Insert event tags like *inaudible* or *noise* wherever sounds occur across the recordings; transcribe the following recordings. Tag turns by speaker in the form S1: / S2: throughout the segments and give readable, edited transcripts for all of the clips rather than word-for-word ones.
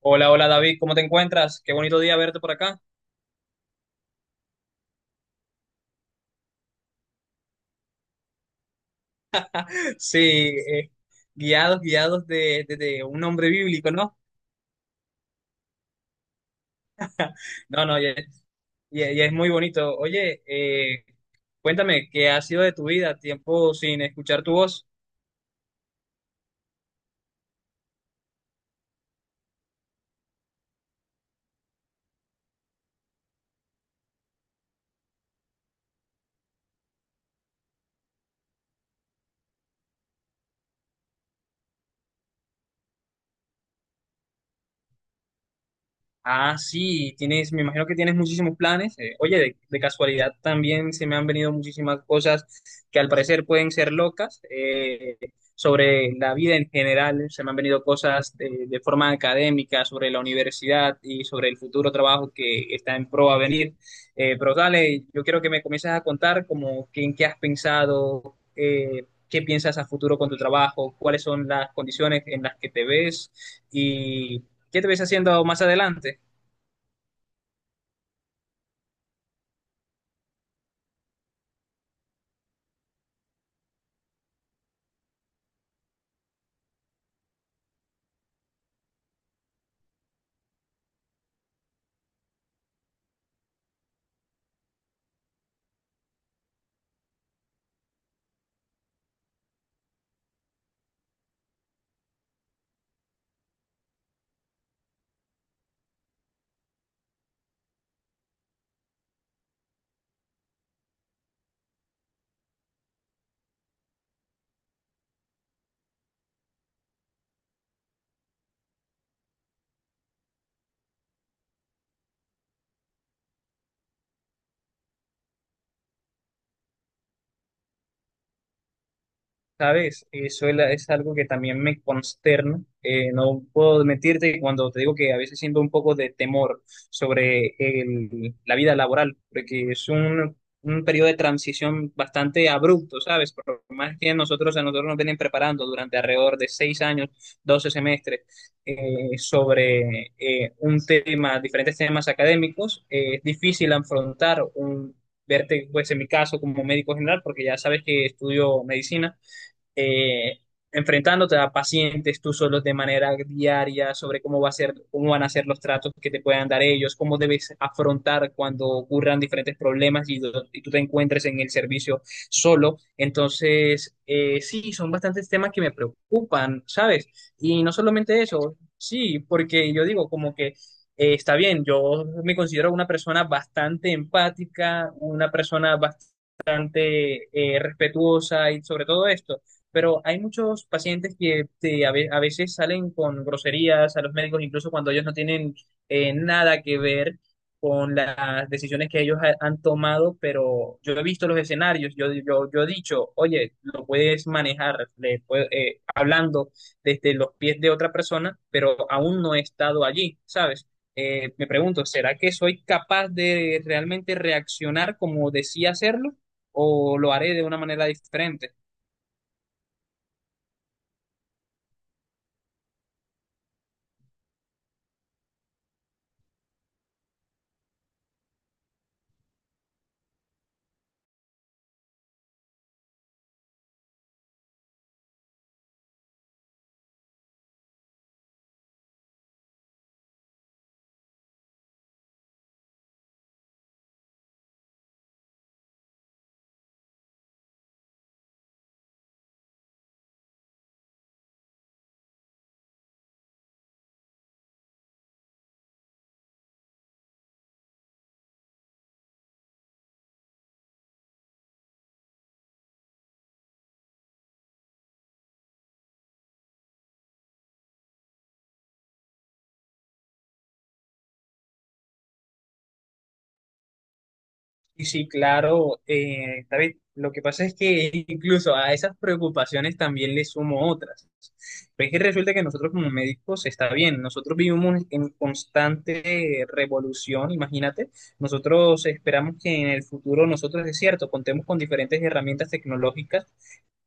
S1: Hola, hola David, ¿cómo te encuentras? Qué bonito día verte por acá. Sí, guiados, guiados de un hombre bíblico, ¿no? No, no, ya es muy bonito. Oye, cuéntame, ¿qué ha sido de tu vida? Tiempo sin escuchar tu voz. Ah, sí, tienes, me imagino que tienes muchísimos planes. Oye, de casualidad también se me han venido muchísimas cosas que al parecer pueden ser locas sobre la vida en general. Se me han venido cosas de forma académica sobre la universidad y sobre el futuro trabajo que está en pro a venir. Pero dale, yo quiero que me comiences a contar como que, en qué has pensado, qué piensas a futuro con tu trabajo, cuáles son las condiciones en las que te ves y qué te ves haciendo más adelante. ¿Sabes? Eso es, es algo que también me consterna. No puedo mentirte que cuando te digo que a veces siento un poco de temor sobre la vida laboral, porque es un periodo de transición bastante abrupto, ¿sabes? Por más que a nosotros nos vienen preparando durante alrededor de 6 años, 12 semestres, sobre diferentes temas académicos, es difícil afrontar. Verte, pues en mi caso, como médico general, porque ya sabes que estudio medicina, eh, enfrentándote a pacientes tú solo de manera diaria sobre cómo va a ser, cómo van a ser los tratos que te puedan dar ellos, cómo debes afrontar cuando ocurran diferentes problemas y tú te encuentres en el servicio solo. Entonces, sí, son bastantes temas que me preocupan, ¿sabes? Y no solamente eso, sí, porque yo digo como que está bien, yo me considero una persona bastante empática, una persona bastante respetuosa y sobre todo esto, pero hay muchos pacientes que a veces salen con groserías a los médicos, incluso cuando ellos no tienen, nada que ver con las decisiones que ellos han tomado, pero yo he visto los escenarios, yo he dicho, oye, lo puedes manejar hablando desde los pies de otra persona, pero aún no he estado allí, ¿sabes? Me pregunto, ¿será que soy capaz de realmente reaccionar como decía hacerlo o lo haré de una manera diferente? Y sí, claro, David, lo que pasa es que *laughs* incluso a esas preocupaciones también le sumo otras. Pero es que resulta que nosotros como médicos está bien, nosotros vivimos en constante revolución, imagínate, nosotros esperamos que en el futuro nosotros, es cierto, contemos con diferentes herramientas tecnológicas,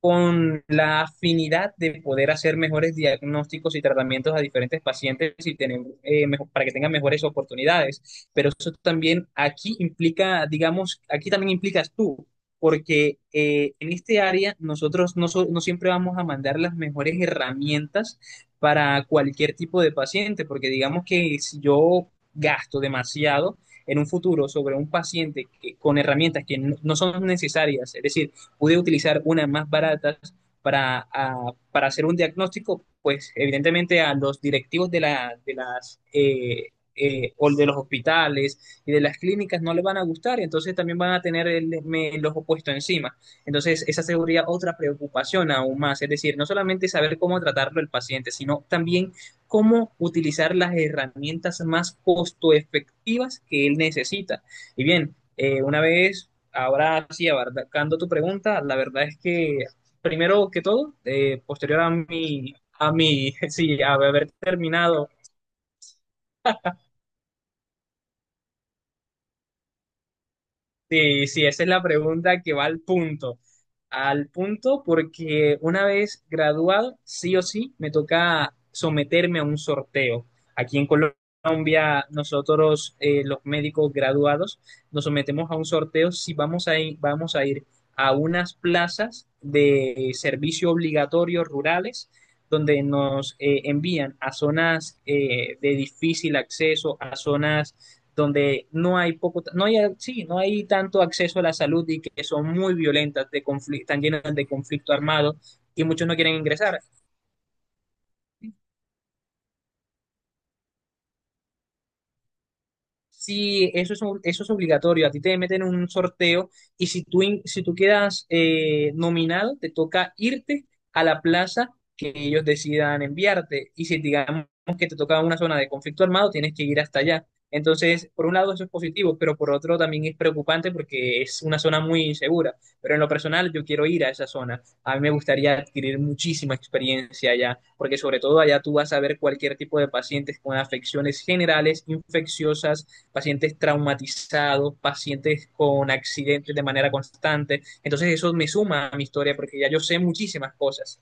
S1: con la afinidad de poder hacer mejores diagnósticos y tratamientos a diferentes pacientes y tener, para que tengan mejores oportunidades. Pero eso también aquí implica, digamos, aquí también implicas tú, porque en este área nosotros no siempre vamos a mandar las mejores herramientas para cualquier tipo de paciente, porque digamos que si yo gasto demasiado en un futuro sobre un paciente con herramientas que no son necesarias, es decir, pude utilizar unas más baratas para hacer un diagnóstico, pues evidentemente a los directivos de los hospitales y de las clínicas no les van a gustar, y entonces también van a tener los opuestos encima. Entonces, esa sería otra preocupación aún más, es decir, no solamente saber cómo tratarlo el paciente, sino también cómo utilizar las herramientas más costo efectivas que él necesita. Y bien, una vez ahora sí, abarcando tu pregunta, la verdad es que primero que todo, posterior a mi, *laughs* sí, a haber terminado. Sí, sí, esa es la pregunta que va al punto. Al punto porque una vez graduado, sí o sí, me toca someterme a un sorteo. Aquí en Colombia, nosotros, los médicos graduados, nos sometemos a un sorteo si vamos a ir, a unas plazas de servicio obligatorio rurales, donde nos, envían a zonas, de difícil acceso, a zonas donde no hay poco, no hay, sí, no hay tanto acceso a la salud y que son muy violentas, de conflicto, están llenas de conflicto armado y muchos no quieren ingresar. Sí, eso es, eso es obligatorio. A ti te meten en un sorteo y si tú quedas, nominado, te toca irte a la plaza que ellos decidan enviarte. Y si digamos que te toca una zona de conflicto armado, tienes que ir hasta allá. Entonces, por un lado eso es positivo, pero por otro también es preocupante porque es una zona muy insegura. Pero en lo personal yo quiero ir a esa zona. A mí me gustaría adquirir muchísima experiencia allá, porque sobre todo allá tú vas a ver cualquier tipo de pacientes con afecciones generales, infecciosas, pacientes traumatizados, pacientes con accidentes de manera constante. Entonces eso me suma a mi historia porque ya yo sé muchísimas cosas.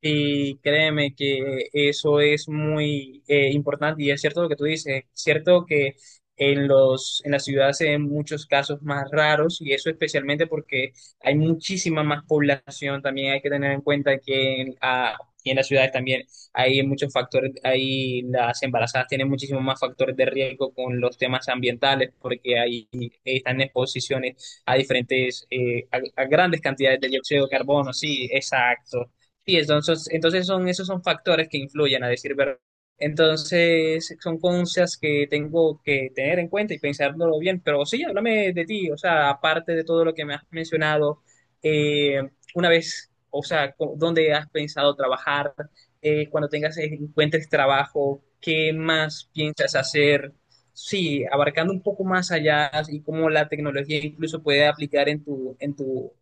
S1: Y créeme que eso es muy, importante y es cierto lo que tú dices, es cierto que en la ciudad se ven muchos casos más raros y eso especialmente porque hay muchísima más población, también hay que tener en cuenta que y en las ciudades también hay muchos factores, ahí las embarazadas tienen muchísimos más factores de riesgo con los temas ambientales porque ahí están en exposiciones a grandes cantidades de dióxido de carbono, sí, exacto. Sí, entonces esos son factores que influyen, a decir verdad. Entonces, son cosas que tengo que tener en cuenta y pensándolo bien. Pero sí, háblame de ti, o sea, aparte de todo lo que me has mencionado, eh, una vez, o sea, co- ¿dónde has pensado trabajar? Cuando encuentres trabajo, ¿qué más piensas hacer? Sí, abarcando un poco más allá y cómo la tecnología incluso puede aplicar en tu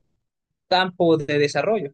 S1: campo de desarrollo.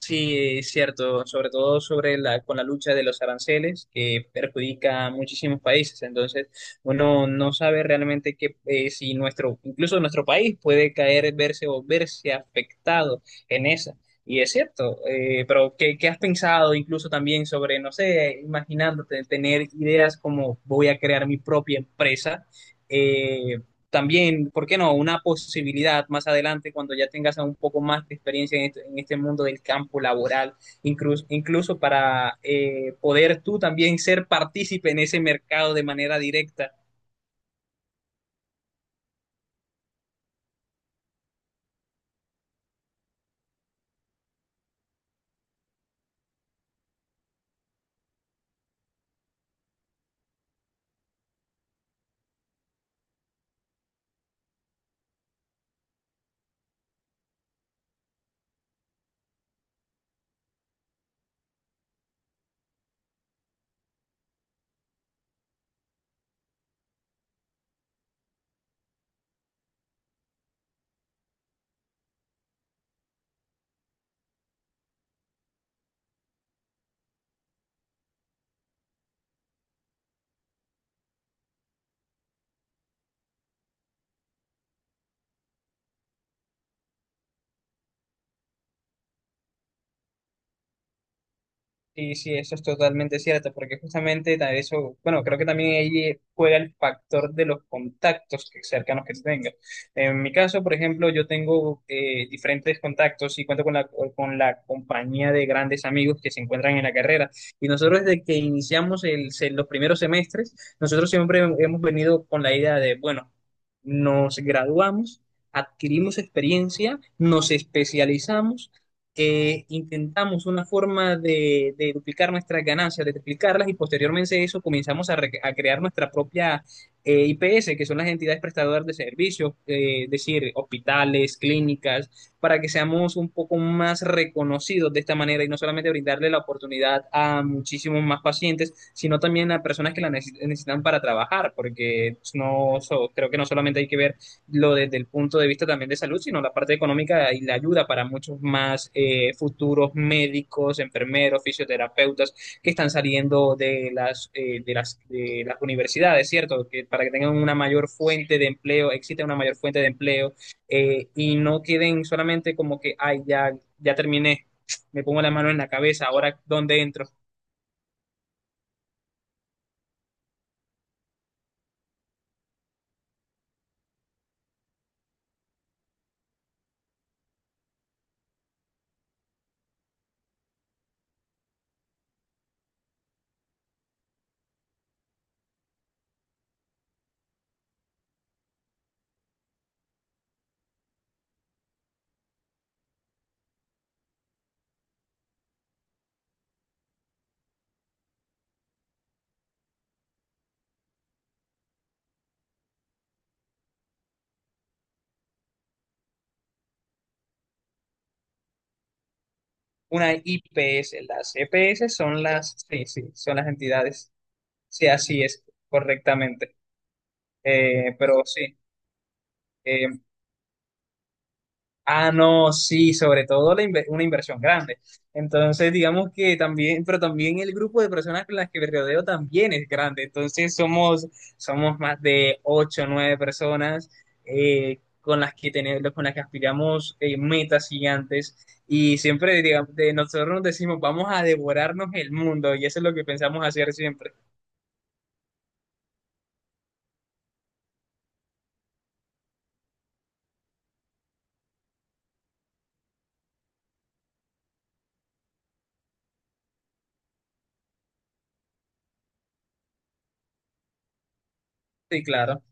S1: Sí, es cierto, sobre todo con la lucha de los aranceles que perjudica a muchísimos países. Entonces, uno no sabe realmente que si incluso nuestro país puede caer, verse afectado en esa. Y es cierto, pero ¿qué has pensado incluso también sobre, no sé, imaginándote tener ideas como voy a crear mi propia empresa? Eh, también, ¿por qué no? Una posibilidad más adelante cuando ya tengas un poco más de experiencia en este mundo del campo laboral, incluso para, poder tú también ser partícipe en ese mercado de manera directa. Sí, sí, eso es totalmente cierto, porque justamente eso, bueno, creo que también ahí juega el factor de los contactos cercanos que tengas. En mi caso, por ejemplo, yo tengo, diferentes contactos y cuento con la compañía de grandes amigos que se encuentran en la carrera. Y nosotros desde que iniciamos los primeros semestres, nosotros siempre hemos venido con la idea de, bueno, nos graduamos, adquirimos experiencia, nos especializamos, intentamos una forma de duplicar nuestras ganancias, de triplicarlas y posteriormente a eso comenzamos a crear nuestra propia, IPS, que son las entidades prestadoras de servicios, es decir, hospitales, clínicas, para que seamos un poco más reconocidos de esta manera y no solamente brindarle la oportunidad a muchísimos más pacientes, sino también a personas que la necesitan para trabajar, porque creo que no solamente hay que ver lo desde el punto de vista también de salud, sino la parte económica y la ayuda para muchos más, futuros médicos, enfermeros, fisioterapeutas que están saliendo de las universidades, ¿cierto? Que para que tengan una mayor fuente de empleo, exista una mayor fuente de empleo, y no queden solamente como que, ay, ya terminé, me pongo la mano en la cabeza, ahora ¿dónde entro? Una IPS, las EPS son las, sí, sí, son las entidades. Sí, así es, correctamente. Pero sí. eh, no, sí, sobre todo una inversión grande. Entonces, digamos que también, pero también el grupo de personas con las que me rodeo también es grande. Entonces, somos más de ocho o nueve personas, con las que tenemos, con las que aspiramos, metas gigantes. Y siempre, digamos, de nosotros nos decimos, vamos a devorarnos el mundo. Y eso es lo que pensamos hacer siempre. Sí, claro.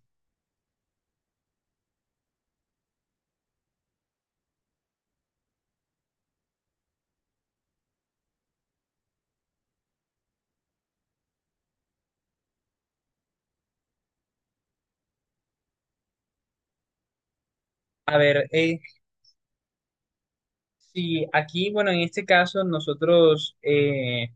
S1: A ver, sí, aquí, bueno, en este caso, nosotros,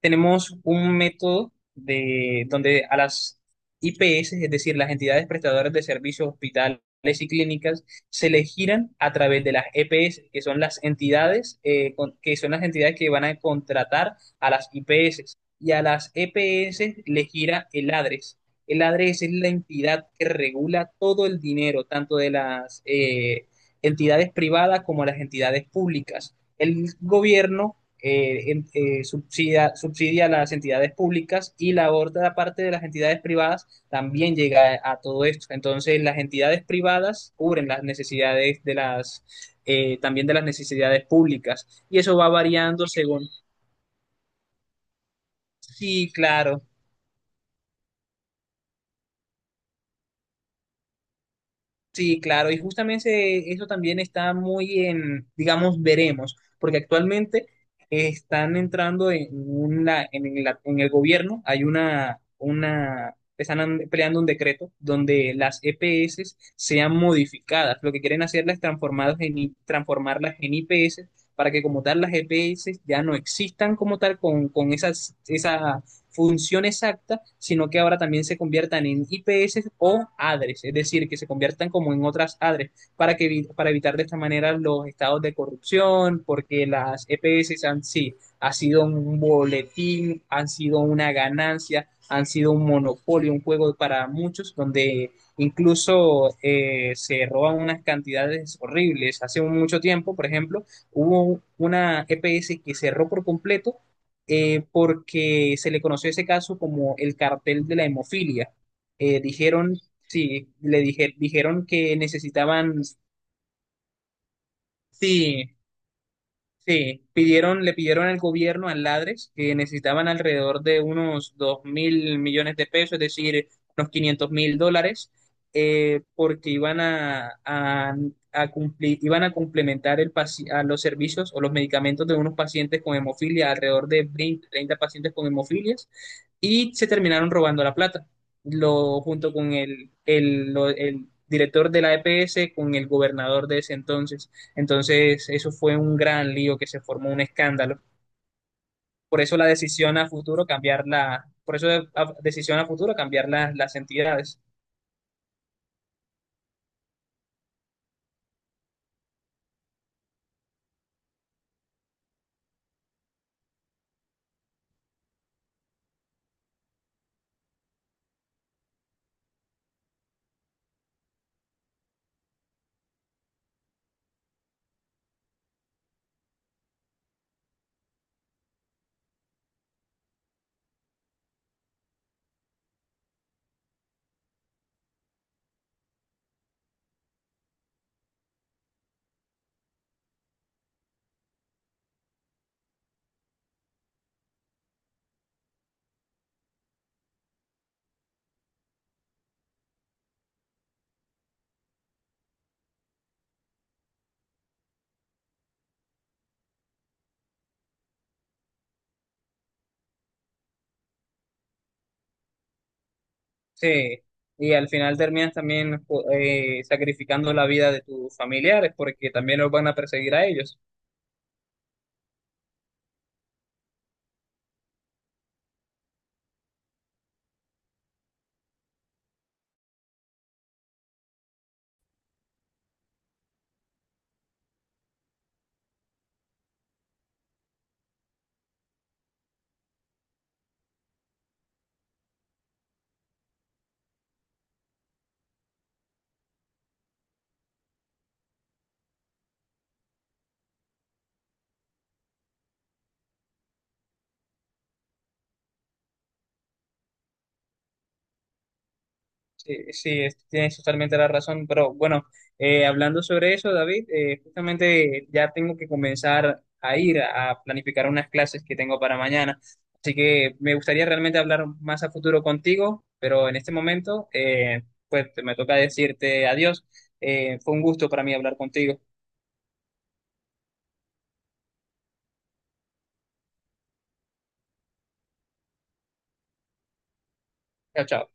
S1: tenemos un método de donde a las IPS, es decir, las entidades prestadoras de servicios, hospitales y clínicas, se les giran a través de las EPS, que son las entidades que van a contratar a las IPS y a las EPS les gira el ADRES. El ADRES es la entidad que regula todo el dinero, tanto de las, entidades privadas como las entidades públicas. El gobierno, subsidia a las entidades públicas y la otra parte de las entidades privadas también llega a todo esto. Entonces, las entidades privadas cubren las necesidades también de las necesidades públicas y eso va variando según. Sí, claro. Sí, claro, y justamente eso también está muy en, digamos, veremos, porque actualmente, están entrando en el gobierno, hay una, están peleando un decreto donde las EPS sean modificadas, lo que quieren hacerlas transformadas en, I- transformarlas en IPS para que como tal las EPS ya no existan como tal con esas, función exacta, sino que ahora también se conviertan en IPS o ADRES, es decir, que se conviertan como en otras ADRES para evitar de esta manera los estados de corrupción, porque las EPS sí, ha sido un boletín, han sido una ganancia, han sido un monopolio, un juego para muchos, donde incluso, se roban unas cantidades horribles. Hace mucho tiempo, por ejemplo, hubo una EPS que cerró por completo, porque se le conoció ese caso como el cartel de la hemofilia. Dijeron, sí, dijeron que necesitaban, sí, sí. Le pidieron al gobierno, al Ladres, que necesitaban alrededor de unos 2.000 millones de pesos, es decir, unos 500.000 dólares, porque iban a cumplir, iban a complementar a los servicios o los medicamentos de unos pacientes con hemofilia, alrededor de 20, 30 pacientes con hemofilias, y se terminaron robando la plata. Junto con el director de la EPS, con el gobernador de ese entonces. Entonces, eso fue un gran lío que se formó un escándalo. Por eso la decisión a futuro cambiar la, decisión a futuro cambiar las entidades. Sí. Y al final terminas también, sacrificando la vida de tus familiares porque también los van a perseguir a ellos. Sí, sí, tienes totalmente la razón, pero bueno, hablando sobre eso, David, justamente ya tengo que comenzar a ir a planificar unas clases que tengo para mañana, así que me gustaría realmente hablar más a futuro contigo, pero en este momento, pues me toca decirte adiós. Fue un gusto para mí hablar contigo. Chao, chao.